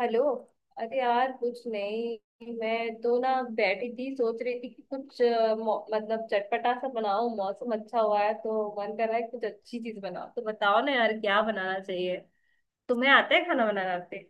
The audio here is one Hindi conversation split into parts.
हेलो। अरे यार, कुछ नहीं, मैं तो ना बैठी थी, सोच रही थी कि कुछ मतलब चटपटा सा बनाऊं। मौसम अच्छा हुआ है तो मन कर रहा है, कुछ अच्छी चीज बनाओ। तो बताओ ना यार, क्या बनाना चाहिए। तुम्हें आता है खाना बनाना, आते?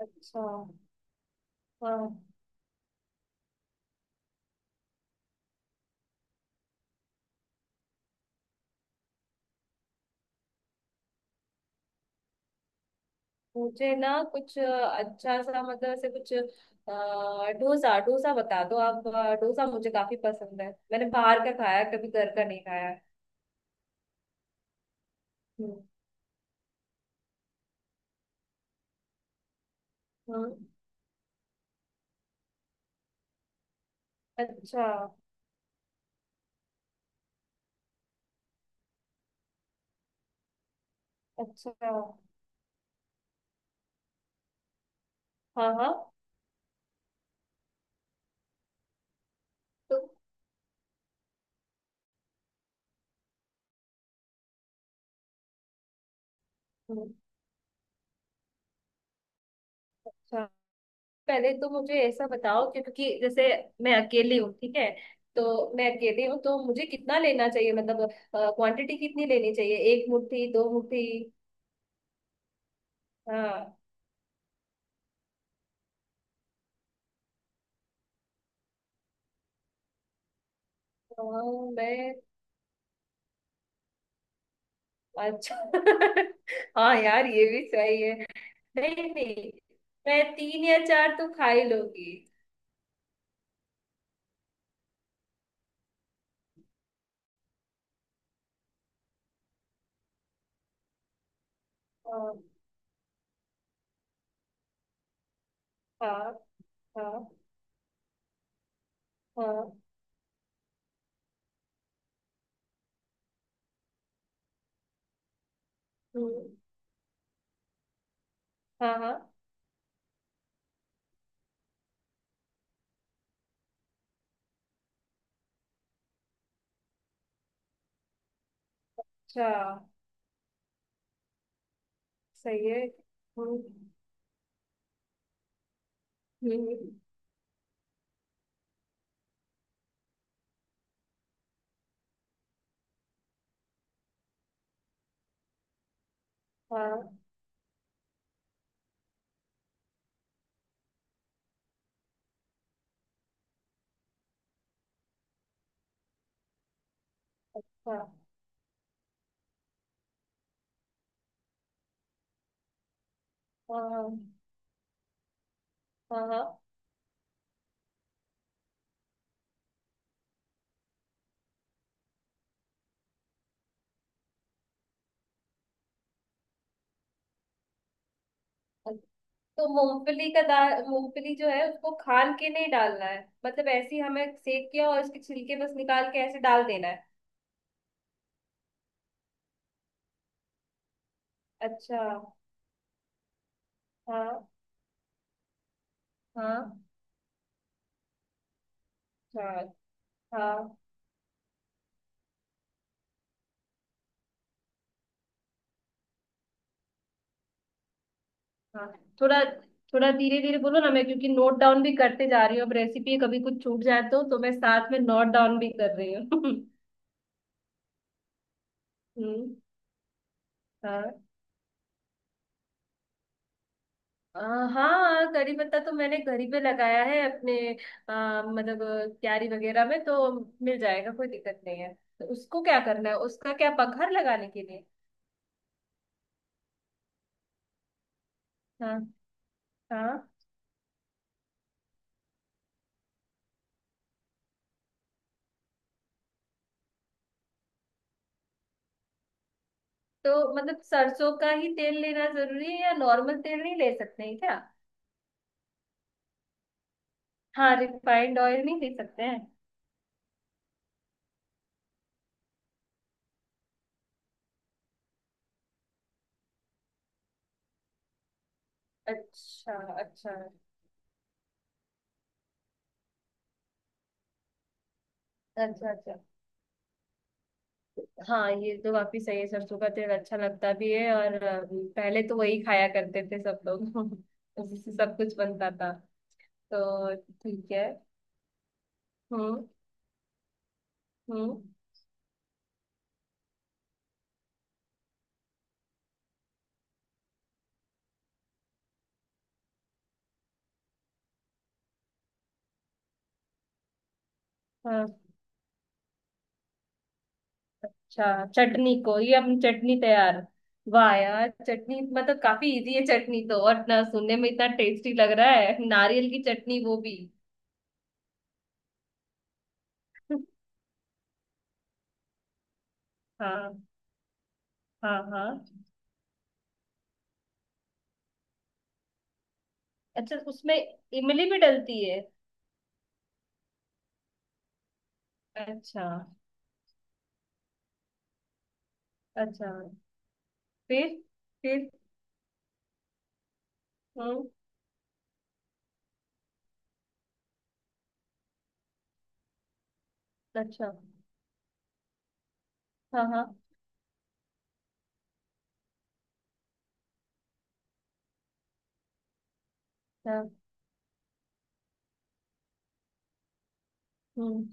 अच्छा। हाँ। मुझे ना कुछ अच्छा सा, मतलब ऐसे कुछ डोसा, डोसा बता दो आप। डोसा मुझे काफी पसंद है, मैंने बाहर का खाया है, कभी घर का नहीं खाया है। हम्म। हम्म। अच्छा, अच्छा। हाँ, हाँ। तो अच्छा, पहले तो मुझे ऐसा बताओ कि क्योंकि जैसे मैं अकेली हूँ, ठीक है। तो मैं अकेली हूँ, तो मुझे कितना लेना चाहिए? मतलब क्वांटिटी कितनी लेनी चाहिए, 1 मुट्ठी 2 मुट्ठी हाँ, हाँ, मैं। अच्छा। हाँ यार, ये भी सही है। नहीं, नहीं, मैं तीन या चार तो खा ही लूंगी। हाँ। हाँ। हाँ। हाँ। हम्म। हाँ, हाँ। अच्छा। सही है। हम्म। हम्म। हाँ। अच्छा। हाँ। हाँ। हाँ। तो मूंगफली का दाल, मूंगफली जो है उसको खाल के नहीं डालना है? मतलब ऐसे ही हमें सेक के और उसके छिलके बस निकाल के ऐसे डाल देना है। अच्छा। हाँ। हाँ। हाँ। हाँ। हाँ। थोड़ा, थोड़ा धीरे धीरे बोलो ना, मैं क्योंकि नोट डाउन भी करते जा रही हूँ अब रेसिपी, कभी कुछ छूट जाए तो मैं साथ में नोट डाउन भी कर रही हूँ। हम्म। हाँ। अ, हाँ, करी पत्ता तो मैंने घर ही पे लगाया है अपने। मतलब क्यारी वगैरह में तो मिल जाएगा, कोई दिक्कत नहीं है। तो उसको क्या करना है, उसका क्या पखर लगाने के लिए? हाँ, हाँ। तो मतलब सरसों का ही तेल लेना जरूरी है, या नॉर्मल तेल नहीं ले सकते हैं क्या? हाँ, रिफाइंड ऑयल नहीं ले सकते हैं? अच्छा अच्छा। अच्छा, अच्छा। हाँ, ये तो काफी सही है, सरसों का तेल अच्छा लगता भी है, और पहले तो वही खाया करते थे सब लोग। उसी से सब कुछ बनता था। तो ठीक है। हम्म। हम्म। हाँ। अच्छा, चटनी को, ये अपनी चटनी तैयार। वाह यार, चटनी मतलब काफी इजी है चटनी तो, और ना सुनने में इतना टेस्टी लग रहा है, नारियल की चटनी वो भी। हाँ। हाँ। हाँ। अच्छा, उसमें इमली भी डलती है? अच्छा। अच्छा। फिर? फिर? हम्म। अच्छा। हाँ। हाँ। हाँ। हम्म।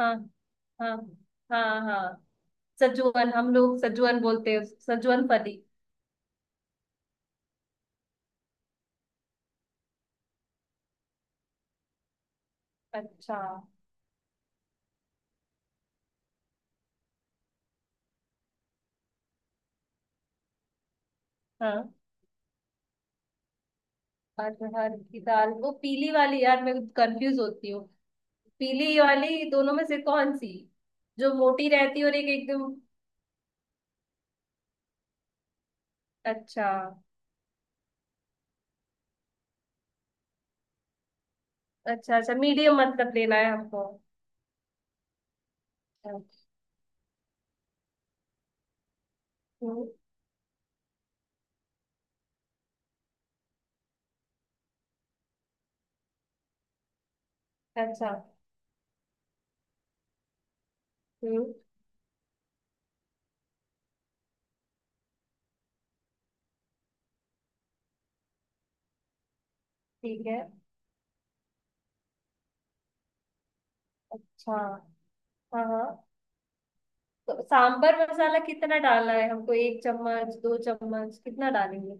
हाँ। हाँ। हाँ। हाँ। सजवन, हम लोग सजवन बोलते हैं, सजवन फली। अच्छा। हाँ। अरहर की दाल, वो पीली वाली? यार मैं कंफ्यूज होती हूँ, पीली वाली दोनों में से कौन सी, जो मोटी रहती है, और एक एकदम। अच्छा। अच्छा, अच्छा, मीडियम मतलब लेना है हमको? हम्म। अच्छा। हम्म। ठीक है। अच्छा। हाँ, हाँ, तो सांबर मसाला कितना डालना है हमको, 1 चम्मच 2 चम्मच कितना डालेंगे?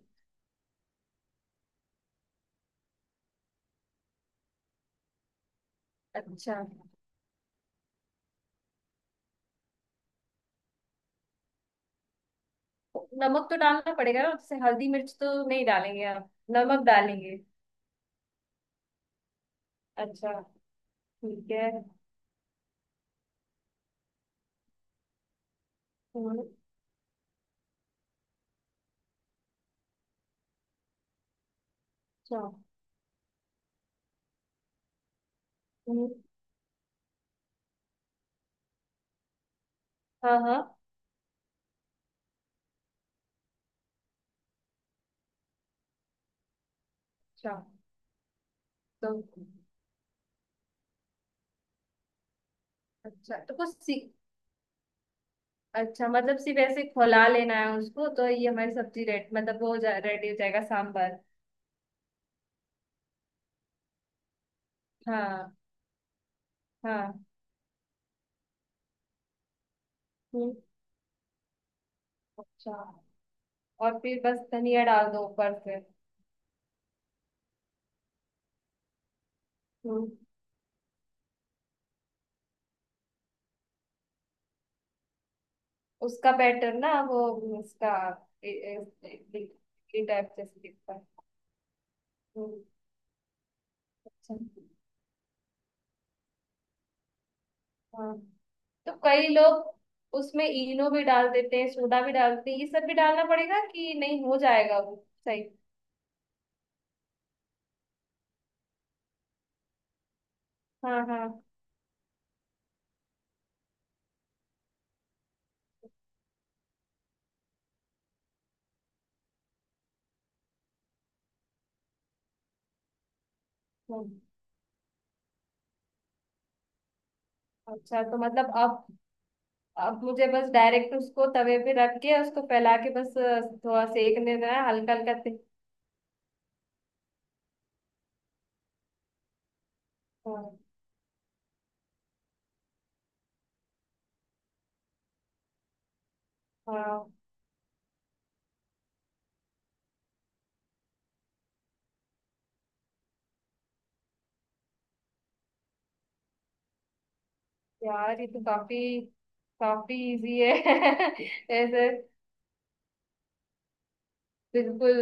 अच्छा। नमक तो डालना पड़ेगा ना, जैसे हल्दी मिर्च तो नहीं डालेंगे आप, नमक डालेंगे? अच्छा। ठीक है। हम्म। अच्छा। हम्म। हाँ, हाँ। अच्छा तो, अच्छा तो कुछ सी, अच्छा मतलब सिर्फ ऐसे खौला लेना है उसको, तो ये हमारी सब्जी रेड मतलब वो हो जा, रेडी हो जाएगा सांबर? हाँ। हाँ। हम्म। अच्छा, और फिर बस धनिया डाल दो ऊपर से। हम्म, उसका बैटर ना, वो उसका ए- इडली टाइप जैसे दिखता है। हम्म। अच्छा। हाँ, तो कई लोग उसमें इनो भी डाल देते हैं, सोडा भी डालते हैं, ये सब भी डालना पड़ेगा कि नहीं हो जाएगा वो? सही। हाँ। हाँ। हम्म। अच्छा, तो मतलब अब, मुझे बस डायरेक्ट उसको तवे पे रख के, उसको फैला के बस थोड़ा सेकने देना है, हल्का हल्का से। हाँ, हाँ, यार ये तो काफी, काफी इजी है। ऐसे। बिल्कुल।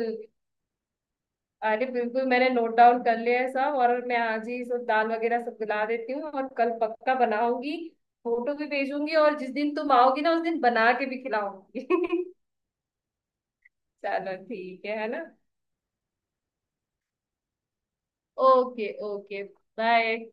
अरे बिल्कुल, मैंने नोट डाउन कर लिया है सब, और मैं आज ही सब दाल वगैरह सब मिला देती हूँ, और कल पक्का बनाऊंगी। फोटो भी भेजूंगी, और जिस दिन तुम आओगी ना, उस दिन बना के भी खिलाऊंगी। चलो ठीक है ना। Okay, okay. बाय।